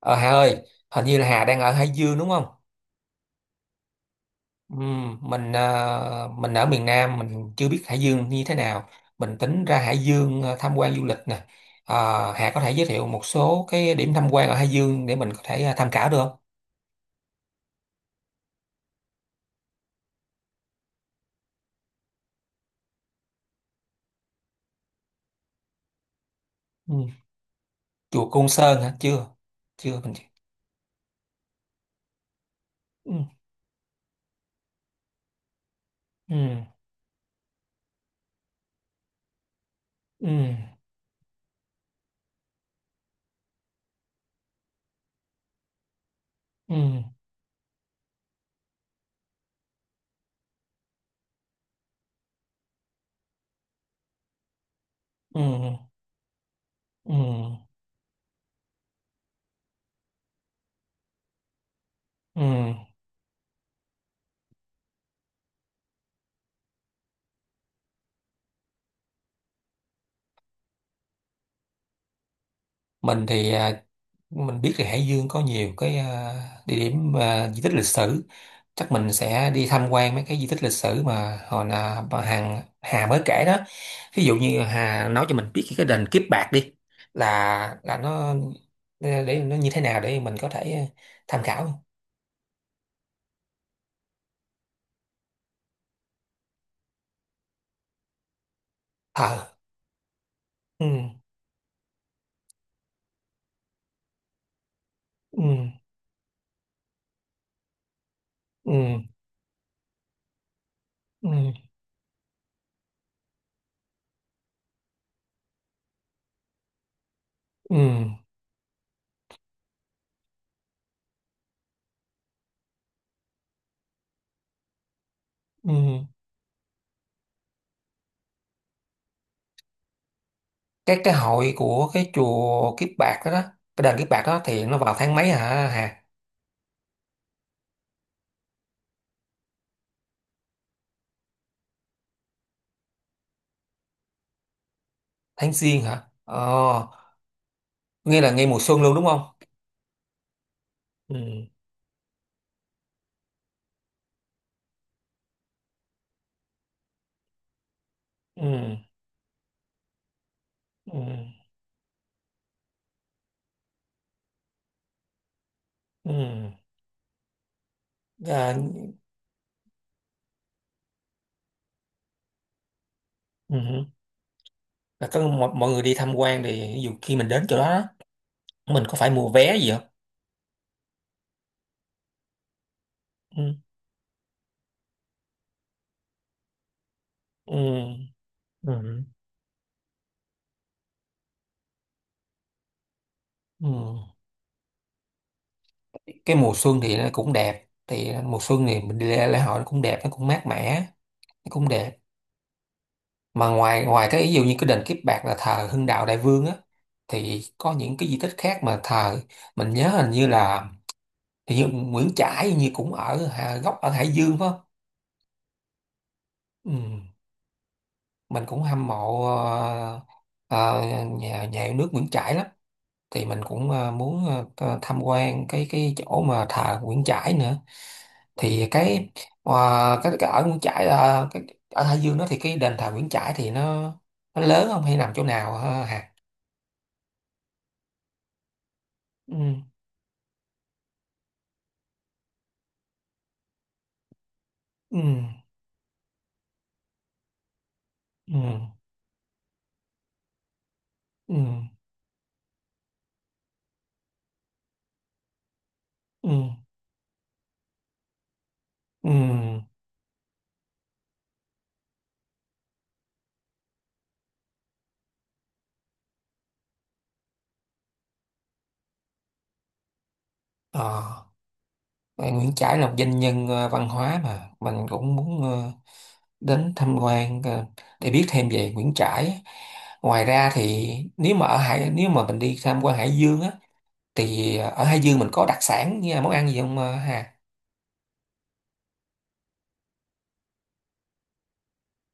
Ờ Hà ơi, hình như là Hà đang ở Hải Dương đúng không? Mình ở miền Nam mình chưa biết Hải Dương như thế nào. Mình tính ra Hải Dương tham quan du lịch nè. Hà có thể giới thiệu một số cái điểm tham quan ở Hải Dương để mình có thể tham khảo được không? Ừm, Chùa Côn Sơn hả? Chưa, chưa mình. Chưa. Ừm, ừm, ừm, ừm, ừm, ừm, ừm. Mình thì mình biết là Hải Dương có nhiều cái địa điểm di tích lịch sử, chắc mình sẽ đi tham quan mấy cái di tích lịch sử mà hồi là bà Hằng Hà mới kể đó. Ví dụ như Hà nói cho mình biết cái đền Kiếp Bạc đi, là nó, để nó như thế nào để mình có thể tham khảo. Ờ. Ừ. Ừ. Ừ. Ừ. Ừ. Ừ. Cái hội của cái chùa Kiếp Bạc đó, cái đền Kiếp Bạc đó thì nó vào tháng mấy hả Hà? Tháng Giêng hả? Ờ, nghe là ngay mùa xuân luôn đúng không? Ừ, ừ, ừ, ừ. À, ừ. Là có mọi người đi tham quan, thì ví dụ khi mình đến chỗ đó đó, mình có phải mua vé gì không? Ừ, ừ, ừ, ừ. Cái mùa xuân thì nó cũng đẹp, thì mùa xuân thì mình đi lễ, lễ hội nó cũng đẹp, nó cũng mát mẻ, nó cũng đẹp. Mà ngoài ngoài cái ví dụ như cái đền Kiếp Bạc là thờ Hưng Đạo Đại Vương á, thì có những cái di tích khác mà thờ, mình nhớ hình như là, thì như Nguyễn Trãi như cũng ở gốc ở Hải Dương phải không? Ừ. Mình cũng hâm mộ ờ, nhà nhà yêu nước Nguyễn Trãi lắm, thì mình cũng muốn tham quan cái chỗ mà thờ Nguyễn Trãi nữa, thì ờ, cái ở Nguyễn Trãi là cái, ở Hải Dương đó thì cái đền thờ Nguyễn Trãi thì nó lớn không hay nằm chỗ nào hả Hà? Ừ. Ừ. Ừ. Ừ. Ừ. Ừ. Ờ. Ờ, Nguyễn Trãi là một doanh nhân văn hóa mà mình cũng muốn đến tham quan để biết thêm về Nguyễn Trãi. Ngoài ra thì nếu mà ở Hải nếu mà mình đi tham quan Hải Dương á, thì ở Hải Dương mình có đặc sản như là món ăn gì không Hà?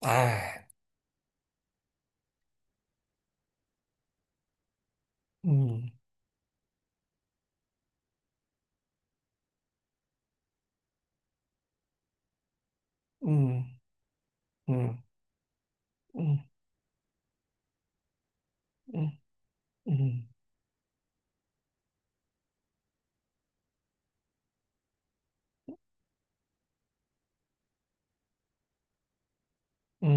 À. Ừ. Ừ. Ừ. Ừ. Ừ. Ừ. Ừ.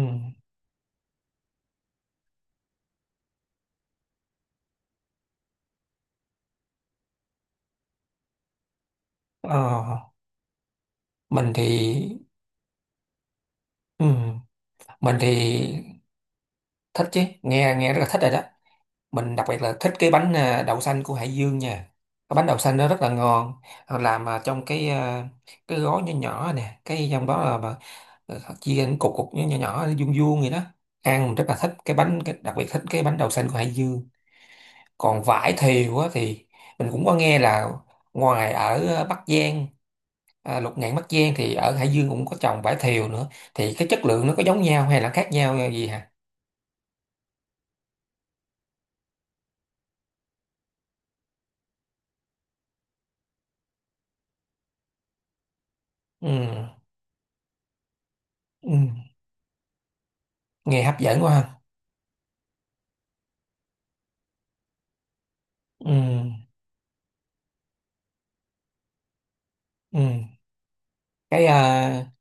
Ờ, mình thì ừ. Mình thì thích chứ, nghe nghe rất là thích rồi đó. Mình đặc biệt là thích cái bánh đậu xanh của Hải Dương nha, cái bánh đậu xanh nó rất là ngon, làm trong cái cái gói nhỏ nhỏ nè, cái trong đó là mà chia thành cục cục nhỏ nhỏ nhỏ, vuông vuông vậy đó, ăn mình rất là thích cái bánh cái, đặc biệt thích cái bánh đậu xanh của Hải Dương. Còn vải thiều á thì mình cũng có nghe là ngoài ở Bắc Giang Lục Ngạn Bắc Giang thì ở Hải Dương cũng có trồng vải thiều nữa, thì cái chất lượng nó có giống nhau hay là khác nhau gì hả? Ừ. Ừ. Nghe hấp dẫn quá ha. Ừ. Ừ. Cái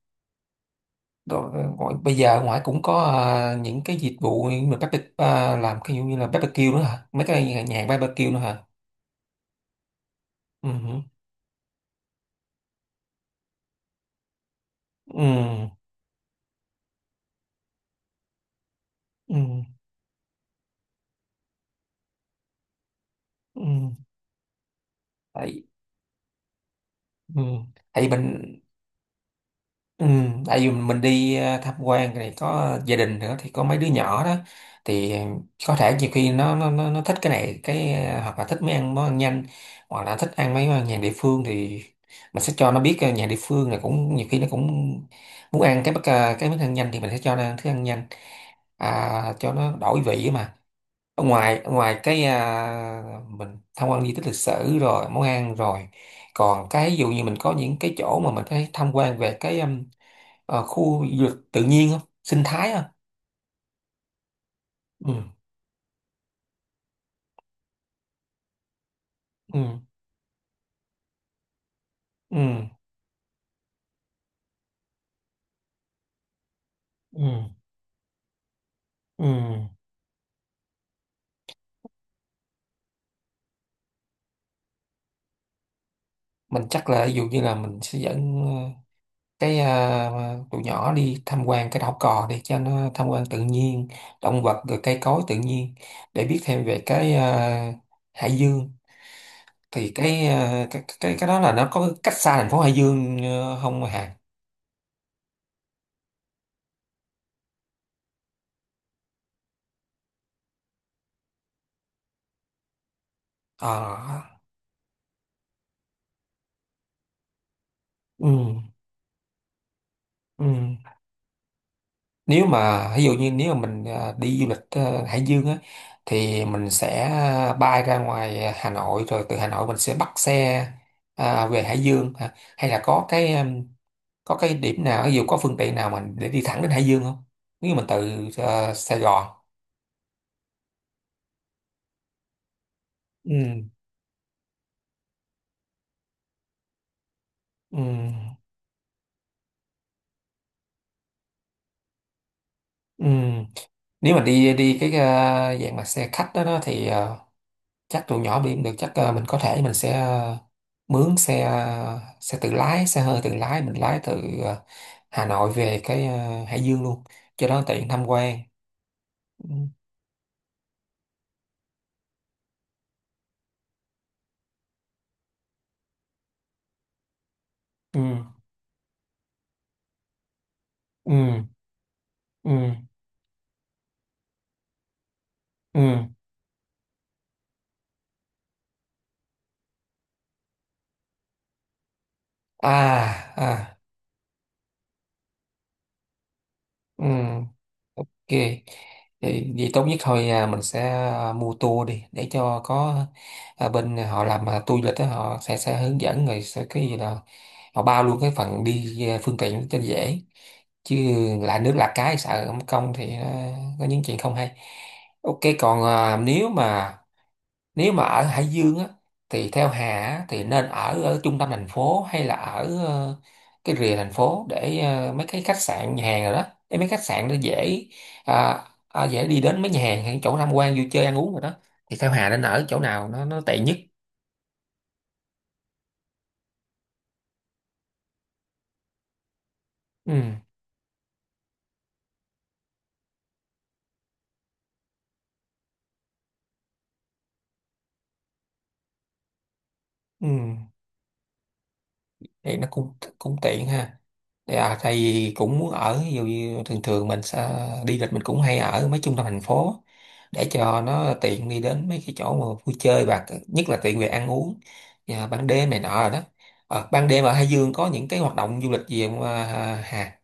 đồ- gọi, bây giờ ngoài cũng có những cái dịch vụ như mà barbecue làm cái dụ như là barbecue nữa hả, mấy cái nhà nhà barbecue nữa hả? Ừ. Ừ. Ừ. Ừ. Ừ. Tại, ừ. Tại mình, ừ, tại vì mình đi tham quan này có gia đình nữa thì có mấy đứa nhỏ đó, thì có thể nhiều khi nó thích cái này cái hoặc là thích mấy ăn món ăn nhanh, hoặc là thích ăn mấy món ăn nhà địa phương, thì mình sẽ cho nó biết nhà địa phương này cũng nhiều khi nó cũng muốn ăn cái cái món ăn nhanh, thì mình sẽ cho nó ăn thức ăn nhanh, cho nó đổi vị ấy mà, ở ngoài cái mình tham quan di tích lịch sử rồi món ăn rồi, còn cái ví dụ như mình có những cái chỗ mà mình thấy tham quan về cái khu du lịch tự nhiên không, sinh thái không? Ừ. Ừ. Ừ. Ừ. Ừ. Mình chắc là ví dụ như là mình sẽ dẫn cái tụi nhỏ đi tham quan cái đảo cò để cho nó tham quan tự nhiên, động vật rồi cây cối tự nhiên để biết thêm về cái Hải Dương, thì cái, ờ, cái đó là nó có cách xa thành phố Hải Dương không Hà? Ờ. Ừ. Ừ. Nếu mà ví dụ như nếu mà mình đi du lịch Hải Dương á, thì mình sẽ bay ra ngoài Hà Nội rồi từ Hà Nội mình sẽ bắt xe về Hải Dương hả? Hay là có cái điểm nào ví dụ có phương tiện nào mình để đi thẳng đến Hải Dương không, nếu mình từ Sài Gòn? Ừ. Ừ. Ừ. Nếu mà đi đi cái dạng mà xe khách đó thì chắc tụi nhỏ đi không được, chắc mình có thể mình sẽ mướn xe tự lái, xe hơi tự lái mình lái từ Hà Nội về cái Hải Dương luôn cho nó tiện tham quan. Ừ. Ừ. Ừ. Ừ. Ừ. À. À. Ừ. Ok. Thì vậy tốt nhất thôi mình sẽ mua tour đi để cho có bên họ làm tour du lịch đó, họ sẽ hướng dẫn rồi sẽ cái gì là họ bao luôn cái phần đi phương tiện cho dễ, chứ lạ nước lạ cái sợ không công thì nó có những chuyện không hay. Ok, còn nếu mà ở Hải Dương á thì theo Hà á, thì nên ở trung tâm thành phố hay là ở cái rìa thành phố, để mấy cái khách sạn nhà hàng rồi đó, để mấy khách sạn nó dễ dễ đi đến mấy nhà hàng hay chỗ tham quan vui chơi ăn uống rồi đó, thì theo Hà nên ở chỗ nào nó tiện nhất? Ừ. Ừ. Thì nó cũng cũng tiện ha, thì à tại vì cũng muốn ở, ví dụ như thường thường mình sẽ đi lịch mình cũng hay ở mấy trung tâm thành phố để cho nó tiện đi đến mấy cái chỗ mà vui chơi và nhất là tiện về ăn uống và ban đêm này nọ rồi đó. Ban đêm ở Hải Dương có những cái hoạt động du lịch gì không à, Hà?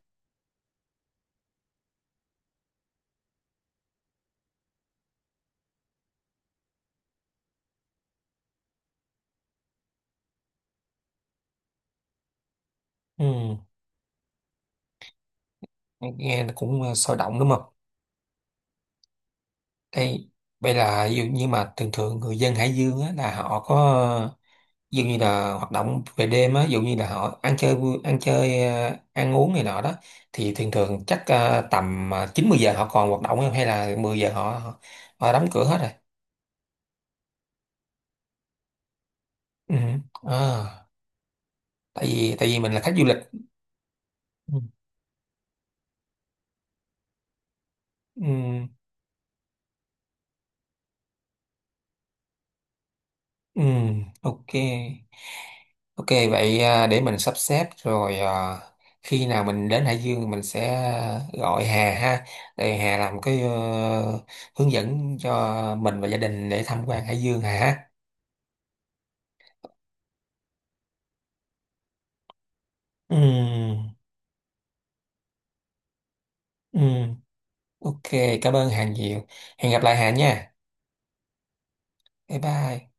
Ừ, nghe nó cũng sôi động đúng không? Ê, vậy là ví dụ như mà thường thường người dân Hải Dương á, là họ có ví dụ như là hoạt động về đêm á, ví dụ như là họ ăn chơi ăn chơi ăn uống này nọ đó, thì thường thường chắc tầm 9 10 giờ họ còn hoạt động không hay là 10 giờ họ họ, họ đóng cửa hết rồi. Ừ. À, tại vì mình là khách du lịch. Ừ. Ừ. Ừ. Ok. Ok vậy để mình sắp xếp rồi khi nào mình đến Hải Dương mình sẽ gọi Hà ha, để Hà làm cái hướng dẫn cho mình và gia đình để tham quan Hải Dương Hà ha. Ừm, ừm, ok, cảm ơn Hà nhiều. Hẹn gặp lại Hà nha. Bye bye.